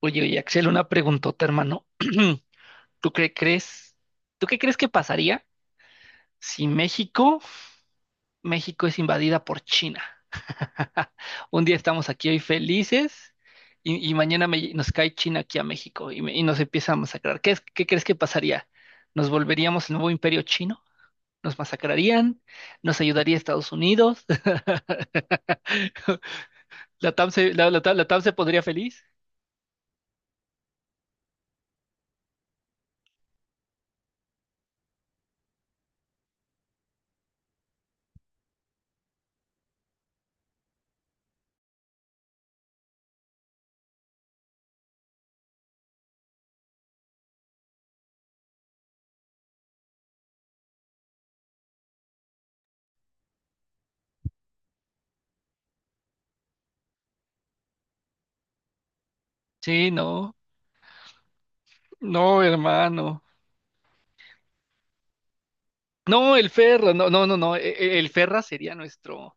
Oye, oye, Axel, una preguntota, hermano. ¿Tú qué crees? ¿Tú qué crees que pasaría si México es invadida por China? Un día estamos aquí hoy felices y mañana nos cae China aquí a México y nos empieza a masacrar. ¿Qué crees que pasaría? ¿Nos volveríamos el nuevo imperio chino? ¿Nos masacrarían? ¿Nos ayudaría Estados Unidos? ¿La TAM la TAM la TAM se pondría feliz? Sí, no, no, hermano. No, el Ferra, no, no, no, no, el Ferra sería nuestro,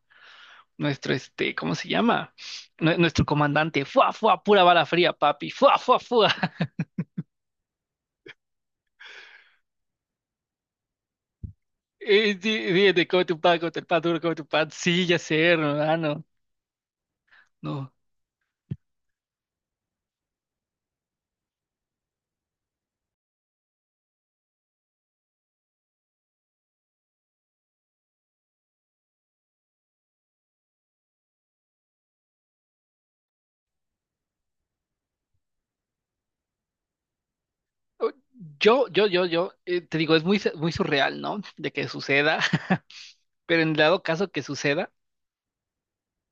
nuestro, este, ¿cómo se llama? Nuestro comandante, fuá, fuá, pura bala fría, papi, fuá, fuá, fuá. Sí, fíjate, come tu pan duro, come tu pan, sí, ya sé, hermano, no. O- yo, te digo, es muy surreal, ¿no? De que suceda, pero en dado caso que suceda,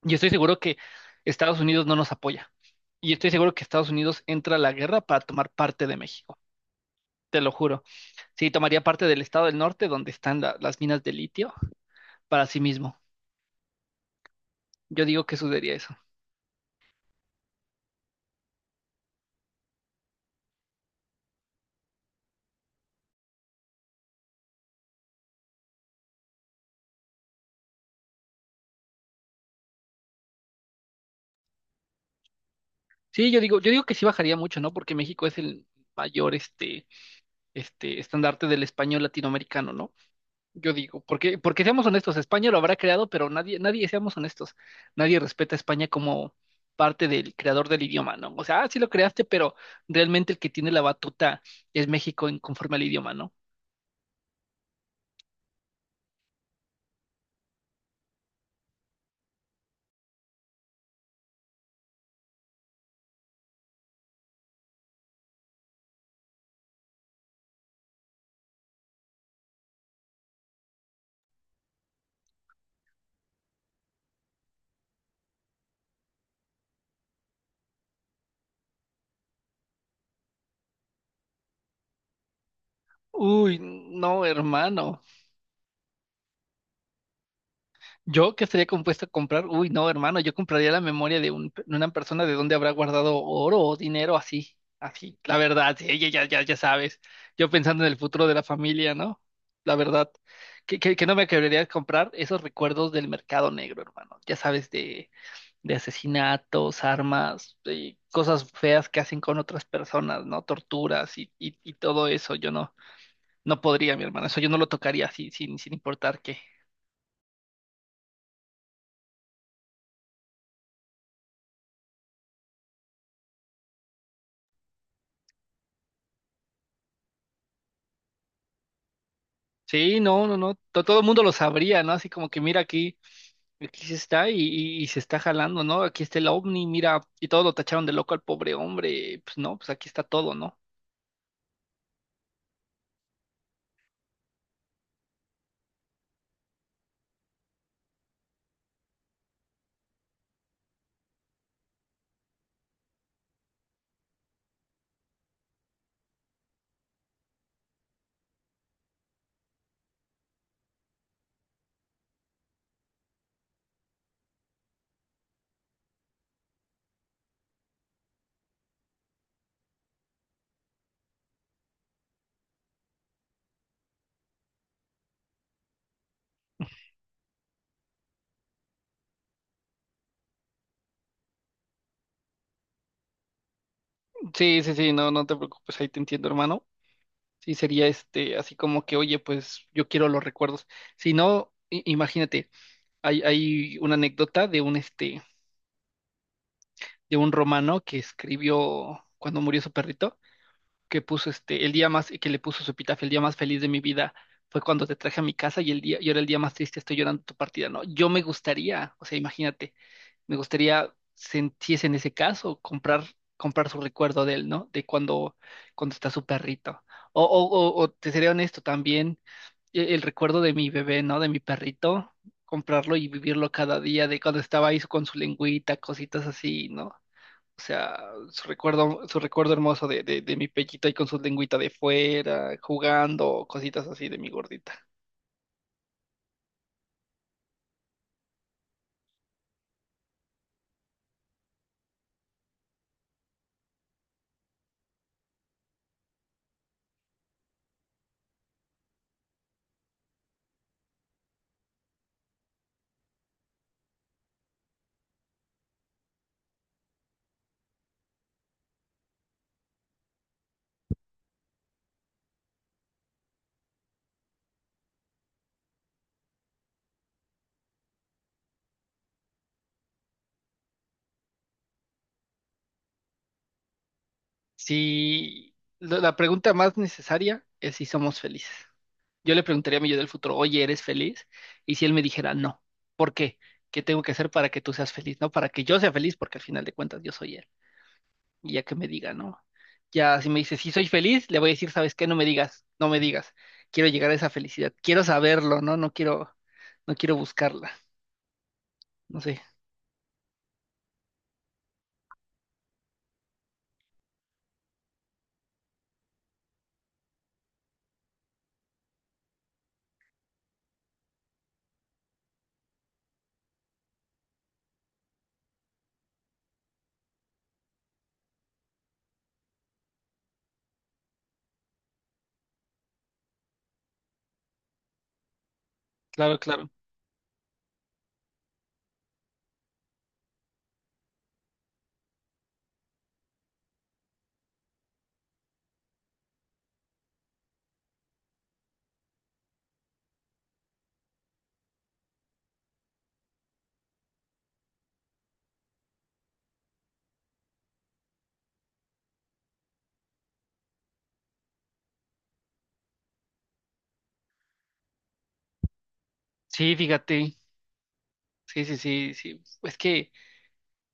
yo estoy seguro que Estados Unidos no nos apoya, y estoy seguro que Estados Unidos entra a la guerra para tomar parte de México, te lo juro. Sí, tomaría parte del estado del norte donde están las minas de litio para sí mismo. Yo digo que sucedería eso. Sí, yo digo que sí bajaría mucho, ¿no? Porque México es el mayor este, estandarte del español latinoamericano, ¿no? Yo digo, porque seamos honestos, España lo habrá creado, pero nadie, nadie, seamos honestos, nadie respeta a España como parte del creador del idioma, ¿no? O sea, ah, sí lo creaste, pero realmente el que tiene la batuta es México en conforme al idioma, ¿no? Uy, no, hermano. Yo que estaría compuesto a comprar, uy, no, hermano, yo compraría la memoria de una persona de donde habrá guardado oro o dinero así, así, la verdad, sí, ya, ya, ya, ya sabes, yo pensando en el futuro de la familia, ¿no? La verdad, que no me querría comprar esos recuerdos del mercado negro, hermano, ya sabes, de asesinatos, armas, de cosas feas que hacen con otras personas, ¿no? Torturas y todo eso, yo no podría, mi hermano, eso yo no lo tocaría así, sin importar qué. Sí, no, no, no, todo el mundo lo sabría, ¿no? Así como que mira aquí, aquí se está y se está jalando, ¿no? Aquí está el ovni, mira, y todos lo tacharon de loco al pobre hombre, pues no, pues aquí está todo, ¿no? Sí, sí, sí, no, no te preocupes, ahí te entiendo, hermano. Sí, sería este, así como que, oye, pues yo quiero los recuerdos. Si no, imagínate, hay una anécdota de un romano que escribió cuando murió su perrito. Que puso este, el día más, que le puso su epitafio, el día más feliz de mi vida fue cuando te traje a mi casa y ahora el día más triste estoy llorando tu partida, ¿no? Yo me gustaría, o sea, imagínate, me gustaría si es en ese caso, comprar su recuerdo de él, ¿no? De cuando está su perrito. O, o, o te seré honesto también, el recuerdo de mi bebé, ¿no? De mi perrito, comprarlo y vivirlo cada día, de cuando estaba ahí con su lengüita, cositas así, ¿no? O sea, su recuerdo hermoso de mi pechito ahí con su lengüita de fuera, jugando, cositas así de mi gordita. Si la pregunta más necesaria es si somos felices. Yo le preguntaría a mi yo del futuro, oye, ¿eres feliz? Y si él me dijera, no, ¿por qué? ¿Qué tengo que hacer para que tú seas feliz? No, para que yo sea feliz, porque al final de cuentas yo soy él. Y ya que me diga, no. Ya si me dice, sí soy feliz, le voy a decir, ¿sabes qué? No me digas, no me digas. Quiero llegar a esa felicidad. Quiero saberlo, ¿no? No quiero, no quiero buscarla. No sé, claro, claro. Sí, fíjate. Sí, sí, sí, sí. Es que,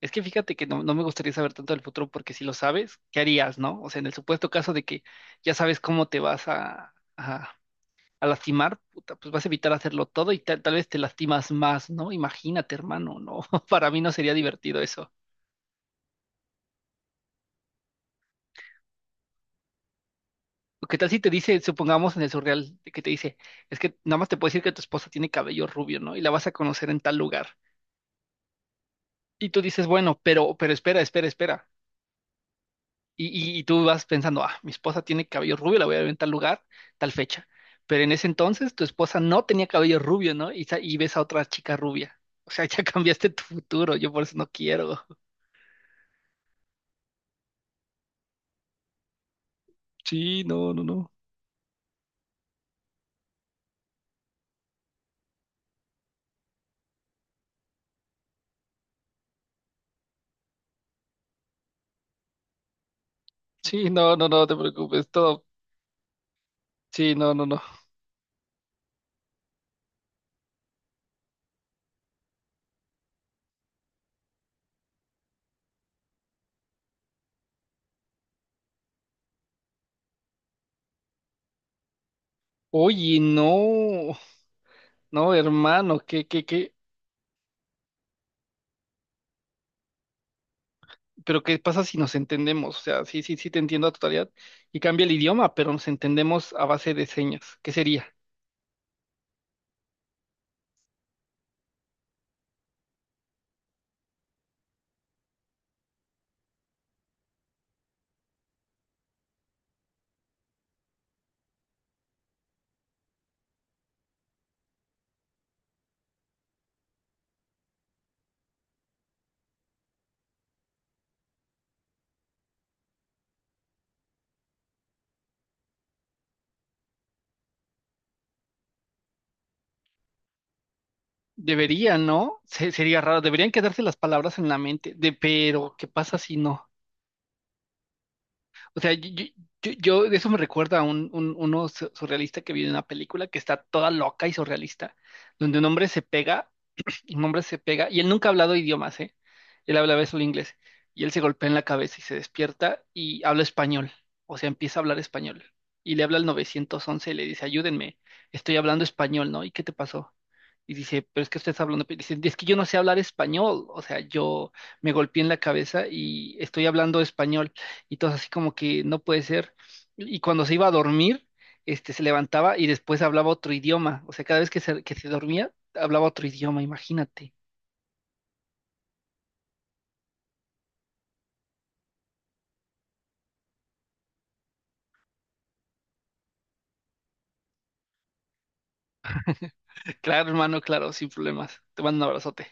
es que fíjate que no me gustaría saber tanto del futuro porque si lo sabes, ¿qué harías, no? O sea, en el supuesto caso de que ya sabes cómo te vas a lastimar, puta, pues vas a evitar hacerlo todo y tal vez te lastimas más, ¿no? Imagínate, hermano, no. Para mí no sería divertido eso. ¿O ¿Qué tal si te dice, supongamos en el surreal, de que te dice, es que nada más te puedo decir que tu esposa tiene cabello rubio, ¿no? Y la vas a conocer en tal lugar. Y tú dices, bueno, pero espera, espera, espera. Y, y tú vas pensando, ah, mi esposa tiene cabello rubio, la voy a ver en tal lugar, tal fecha. Pero en ese entonces tu esposa no tenía cabello rubio, ¿no? Y ves a otra chica rubia. O sea, ya cambiaste tu futuro, yo por eso no quiero. Sí, no, no, no. Sí, no, no, no te preocupes, todo. Sí, no, no, no. Oye, no, no, hermano, ¿qué, qué, qué? Pero ¿qué pasa si nos entendemos? O sea, sí, sí, sí te entiendo a totalidad y cambia el idioma, pero nos entendemos a base de señas. ¿Qué sería? Deberían, ¿no? Sería raro. Deberían quedarse las palabras en la mente. Pero, ¿qué pasa si no? O sea, de eso me recuerda a uno surrealista que vi en una película que está toda loca y surrealista, donde un hombre se pega y él nunca ha hablado idiomas, ¿eh? Él hablaba solo inglés y él se golpea en la cabeza y se despierta y habla español, o sea, empieza a hablar español y le habla al 911 y le dice, ayúdenme, estoy hablando español, ¿no? ¿Y qué te pasó? Y dice, pero es que usted está hablando, dice, es que yo no sé hablar español, o sea, yo me golpeé en la cabeza y estoy hablando español y todo así como que no puede ser. Y cuando se iba a dormir, este, se levantaba y después hablaba otro idioma. O sea, cada vez que que se dormía, hablaba otro idioma, imagínate. Claro, hermano, claro, sin problemas. Te mando un abrazote.